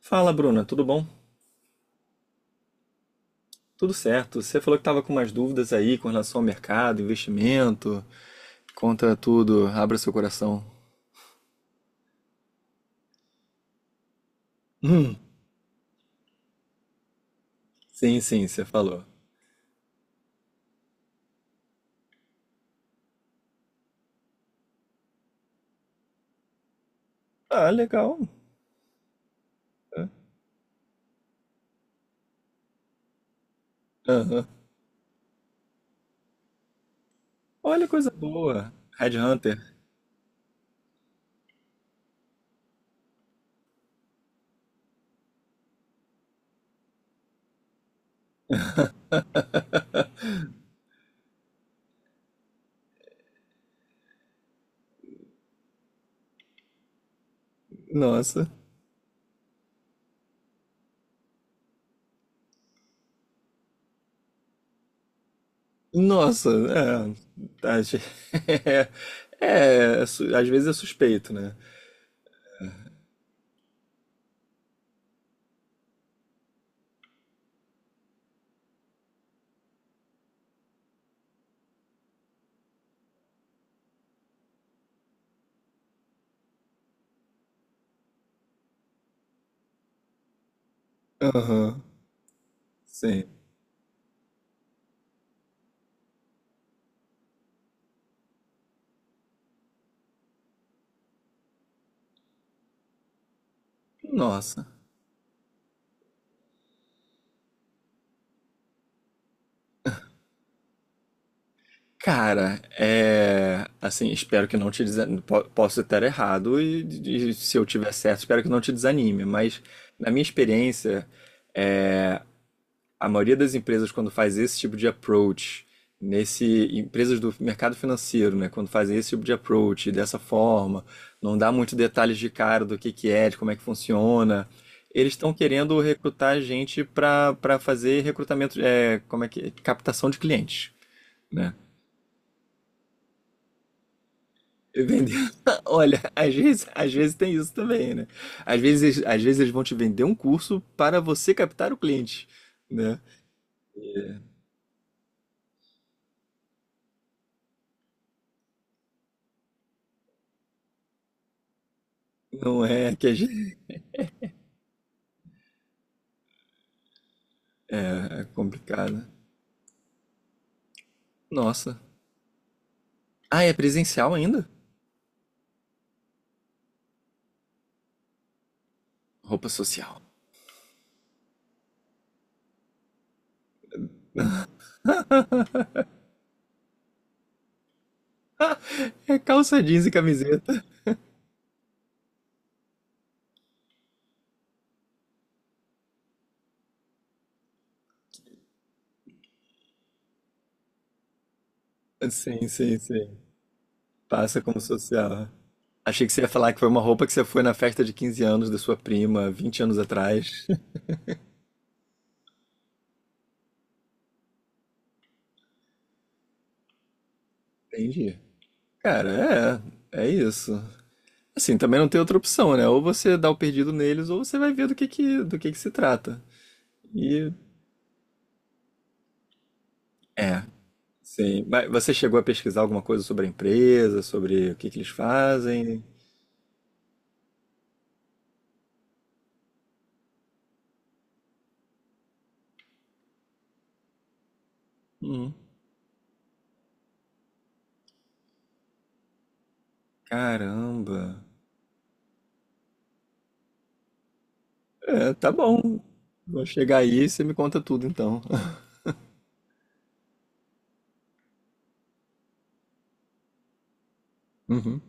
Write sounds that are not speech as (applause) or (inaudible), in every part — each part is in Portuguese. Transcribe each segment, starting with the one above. Fala, Bruna, tudo bom? Tudo certo. Você falou que estava com umas dúvidas aí com relação ao mercado, investimento. Conta tudo, abra seu coração. (laughs) Hum, sim, você falou. Ah, legal. É. Aham. Olha, coisa boa. Headhunter. Nossa. Nossa, é. Tá, gente. (laughs) Às vezes é suspeito, né? Aham. Sim. Nossa. Cara, é. Assim, espero que não te desanime. Posso estar errado e se eu tiver certo, espero que não te desanime. Mas, na minha experiência, a maioria das empresas, quando faz esse tipo de approach, nesse. Empresas do mercado financeiro, né? Quando fazem esse tipo de approach dessa forma, não dá muito detalhes de cara do que é, de como é que funciona. Eles estão querendo recrutar gente para fazer recrutamento, é, como é que, é, captação de clientes, né? Entendeu? (laughs) Olha, às vezes tem isso também, né? Às vezes eles vão te vender um curso para você captar o cliente, né? Não é que a gente... é complicado. Nossa. Ah, é presencial ainda? Roupa social. (laughs) É calça jeans e camiseta. Sim. Passa como social. Achei que você ia falar que foi uma roupa que você foi na festa de 15 anos da sua prima, 20 anos atrás. (laughs) Entendi. Cara, é, é isso. Assim, também não tem outra opção, né? Ou você dá o perdido neles, ou você vai ver do que que se trata. E é, sim. Mas você chegou a pesquisar alguma coisa sobre a empresa, sobre o que que eles fazem? Hum, caramba. É, tá bom. Vou chegar aí e você me conta tudo então. (laughs) Uhum.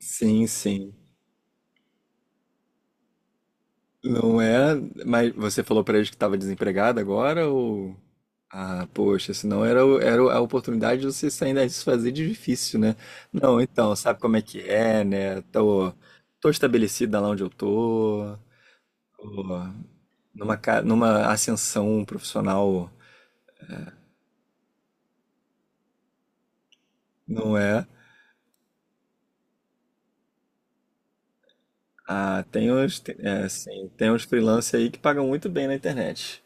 Sim, sim. Não é? Mas você falou pra eles que estava desempregado agora ou. Ah, poxa, senão era, o- era a oportunidade de você sair daí e se fazer de difícil, né? Não, então, sabe como é que é, né? Tô estabelecida lá onde eu tô, tô numa, ca- numa ascensão profissional, não é? Ah, é, assim, tem uns freelancers aí que pagam muito bem na internet.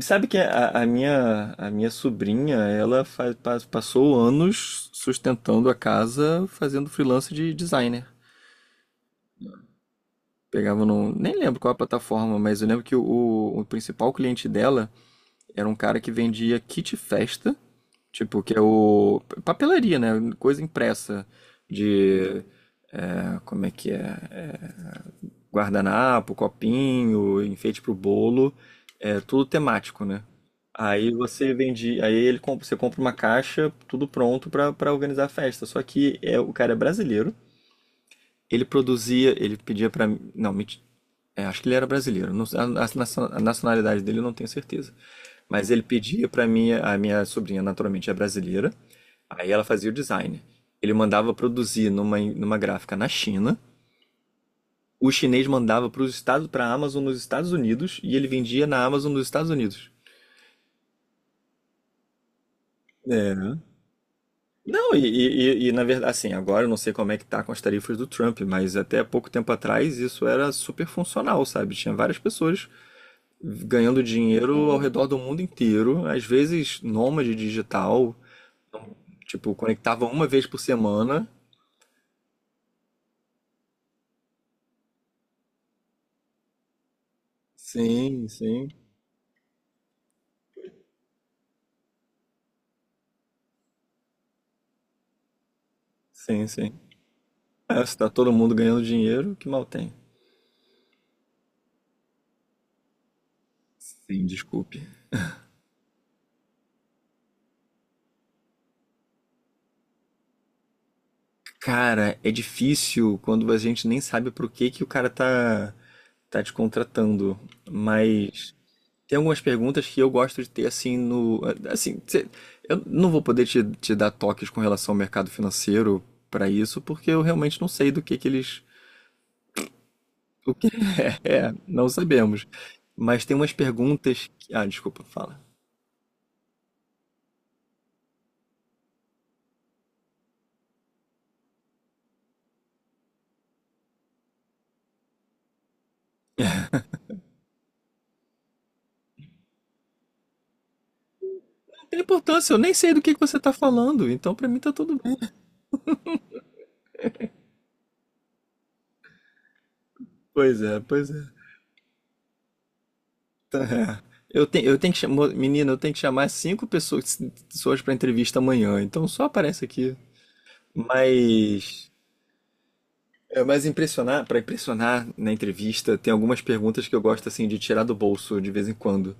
Sabe que a minha sobrinha, ela faz, pa- passou anos sustentando a casa fazendo freelance de designer. Pegava nem lembro qual a plataforma, mas eu lembro que o principal cliente dela era um cara que vendia kit festa, tipo, que é o papelaria, né? Coisa impressa de, ah, como é que é? É, guardanapo, copinho, enfeite pro bolo, é tudo temático, né? Aí você vende, aí ele comp- você compra uma caixa, tudo pronto pra para organizar a festa. Só que é, o cara é brasileiro, ele produzia, ele pedia pra mim, não, menti- é, acho que ele era brasileiro, não, a nacio- a nacionalidade dele eu não tenho certeza. Mas ele pedia pra minha, a minha sobrinha naturalmente é brasileira, aí ela fazia o design. Ele mandava produzir numa, numa gráfica na China, o chinês mandava para a Amazon nos Estados Unidos e ele vendia na Amazon nos Estados Unidos. É. Não, na verdade, assim, agora eu não sei como é que tá com as tarifas do Trump, mas até pouco tempo atrás isso era super funcional, sabe? Tinha várias pessoas ganhando dinheiro ao redor do mundo inteiro, às vezes nômade digital, tipo, conectava uma vez por semana. Sim, sim, sim, sim. É, se tá todo mundo ganhando dinheiro, que mal tem? Sim, desculpe. Cara, é difícil quando a gente nem sabe pro que o cara tá te contratando. Mas tem algumas perguntas que eu gosto de ter assim no. Assim, cê- eu não vou poder te dar toques com relação ao mercado financeiro pra isso, porque eu realmente não sei do que eles. O que é, não sabemos. Mas tem umas perguntas que. Ah, desculpa, fala. Não tem importância, eu nem sei do que você tá falando, então pra mim tá tudo bem. Pois é, pois é. É. Eu tenho que chamar, menina, eu tenho que chamar cinco pessoas, pessoas para entrevista amanhã, então só aparece aqui. Mas, é, mas para impressionar na entrevista, tem algumas perguntas que eu gosto assim de tirar do bolso de vez em quando,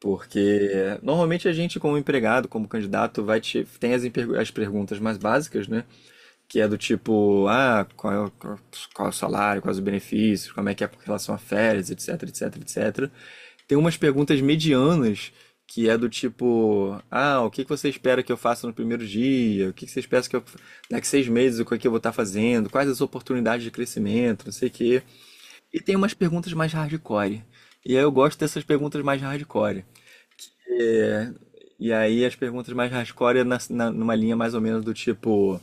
porque é, normalmente a gente como empregado, como candidato, tem as perguntas mais básicas, né? Que é do tipo, ah, qual é o salário, quais os benefícios, como é que é com relação a férias, etc, etc, etc. Tem umas perguntas medianas que é do tipo, ah, o que que você espera que eu faça no primeiro dia? O que que você espera que eu daqui 6 meses o que é que eu vou estar fazendo? Quais as oportunidades de crescimento? Não sei o quê. E tem umas perguntas mais hardcore. E aí eu gosto dessas perguntas mais hardcore. É, e aí as perguntas mais hardcore é numa linha mais ou menos do tipo,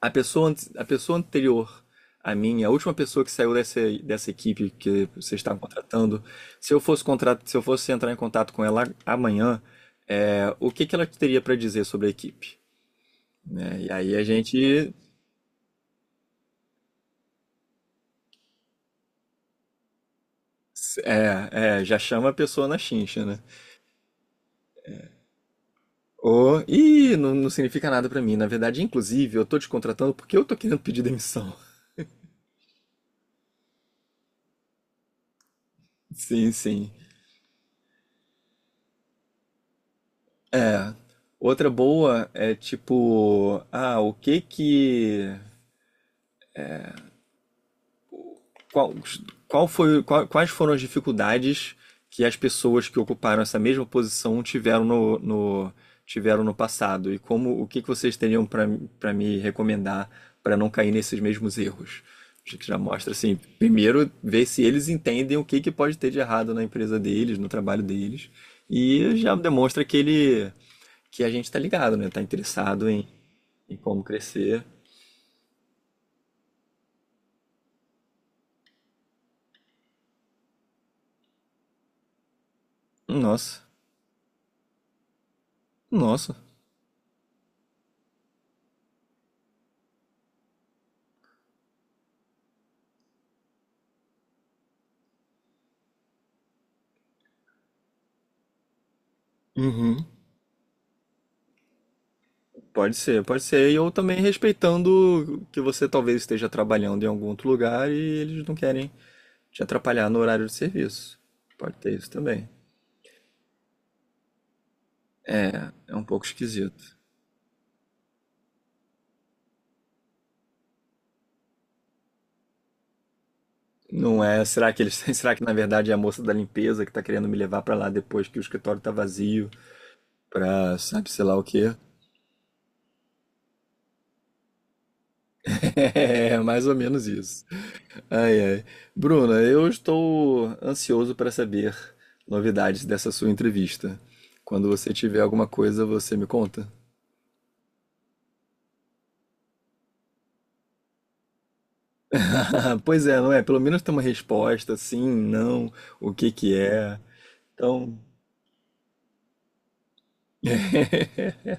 a pessoa anterior a mim, a última pessoa que saiu dessa equipe que vocês estavam contratando, se eu fosse entrar em contato com ela amanhã, é, o que que ela teria para dizer sobre a equipe, né? E aí a gente é, já chama a pessoa na chincha, né? Ou, ih, não, não significa nada pra mim. Na verdade, inclusive, eu tô te contratando porque eu tô querendo pedir demissão. (laughs) Sim, sim. É. Outra boa é tipo, ah, o que que Qual, qual foi, qual- quais foram as dificuldades que as pessoas que ocuparam essa mesma posição tiveram tiveram no passado? E como, o que que vocês teriam para me recomendar para não cair nesses mesmos erros? Acho que já mostra assim, primeiro ver se eles entendem o que que pode ter de errado na empresa deles, no trabalho deles, e já demonstra que ele, que a gente está ligado, né? Tá interessado em, em como crescer. Nossa, nossa. Uhum. Pode ser, pode ser. E ou também respeitando que você talvez esteja trabalhando em algum outro lugar e eles não querem te atrapalhar no horário de serviço. Pode ter isso também. É um pouco esquisito. Não é, será que eles, (laughs) será que na verdade é a moça da limpeza que tá querendo me levar pra lá depois que o escritório tá vazio, pra sabe sei lá o quê? (laughs) É, mais ou menos isso. Ai, ai. Bruna, eu estou ansioso para saber novidades dessa sua entrevista. Quando você tiver alguma coisa, você me conta? (laughs) Pois é, não é? Pelo menos tem uma resposta, sim, não, o que que é. Então, (laughs)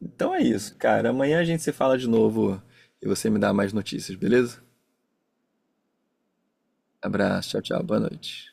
então é isso, cara. Amanhã a gente se fala de novo e você me dá mais notícias, beleza? Abraço, tchau, tchau, boa noite.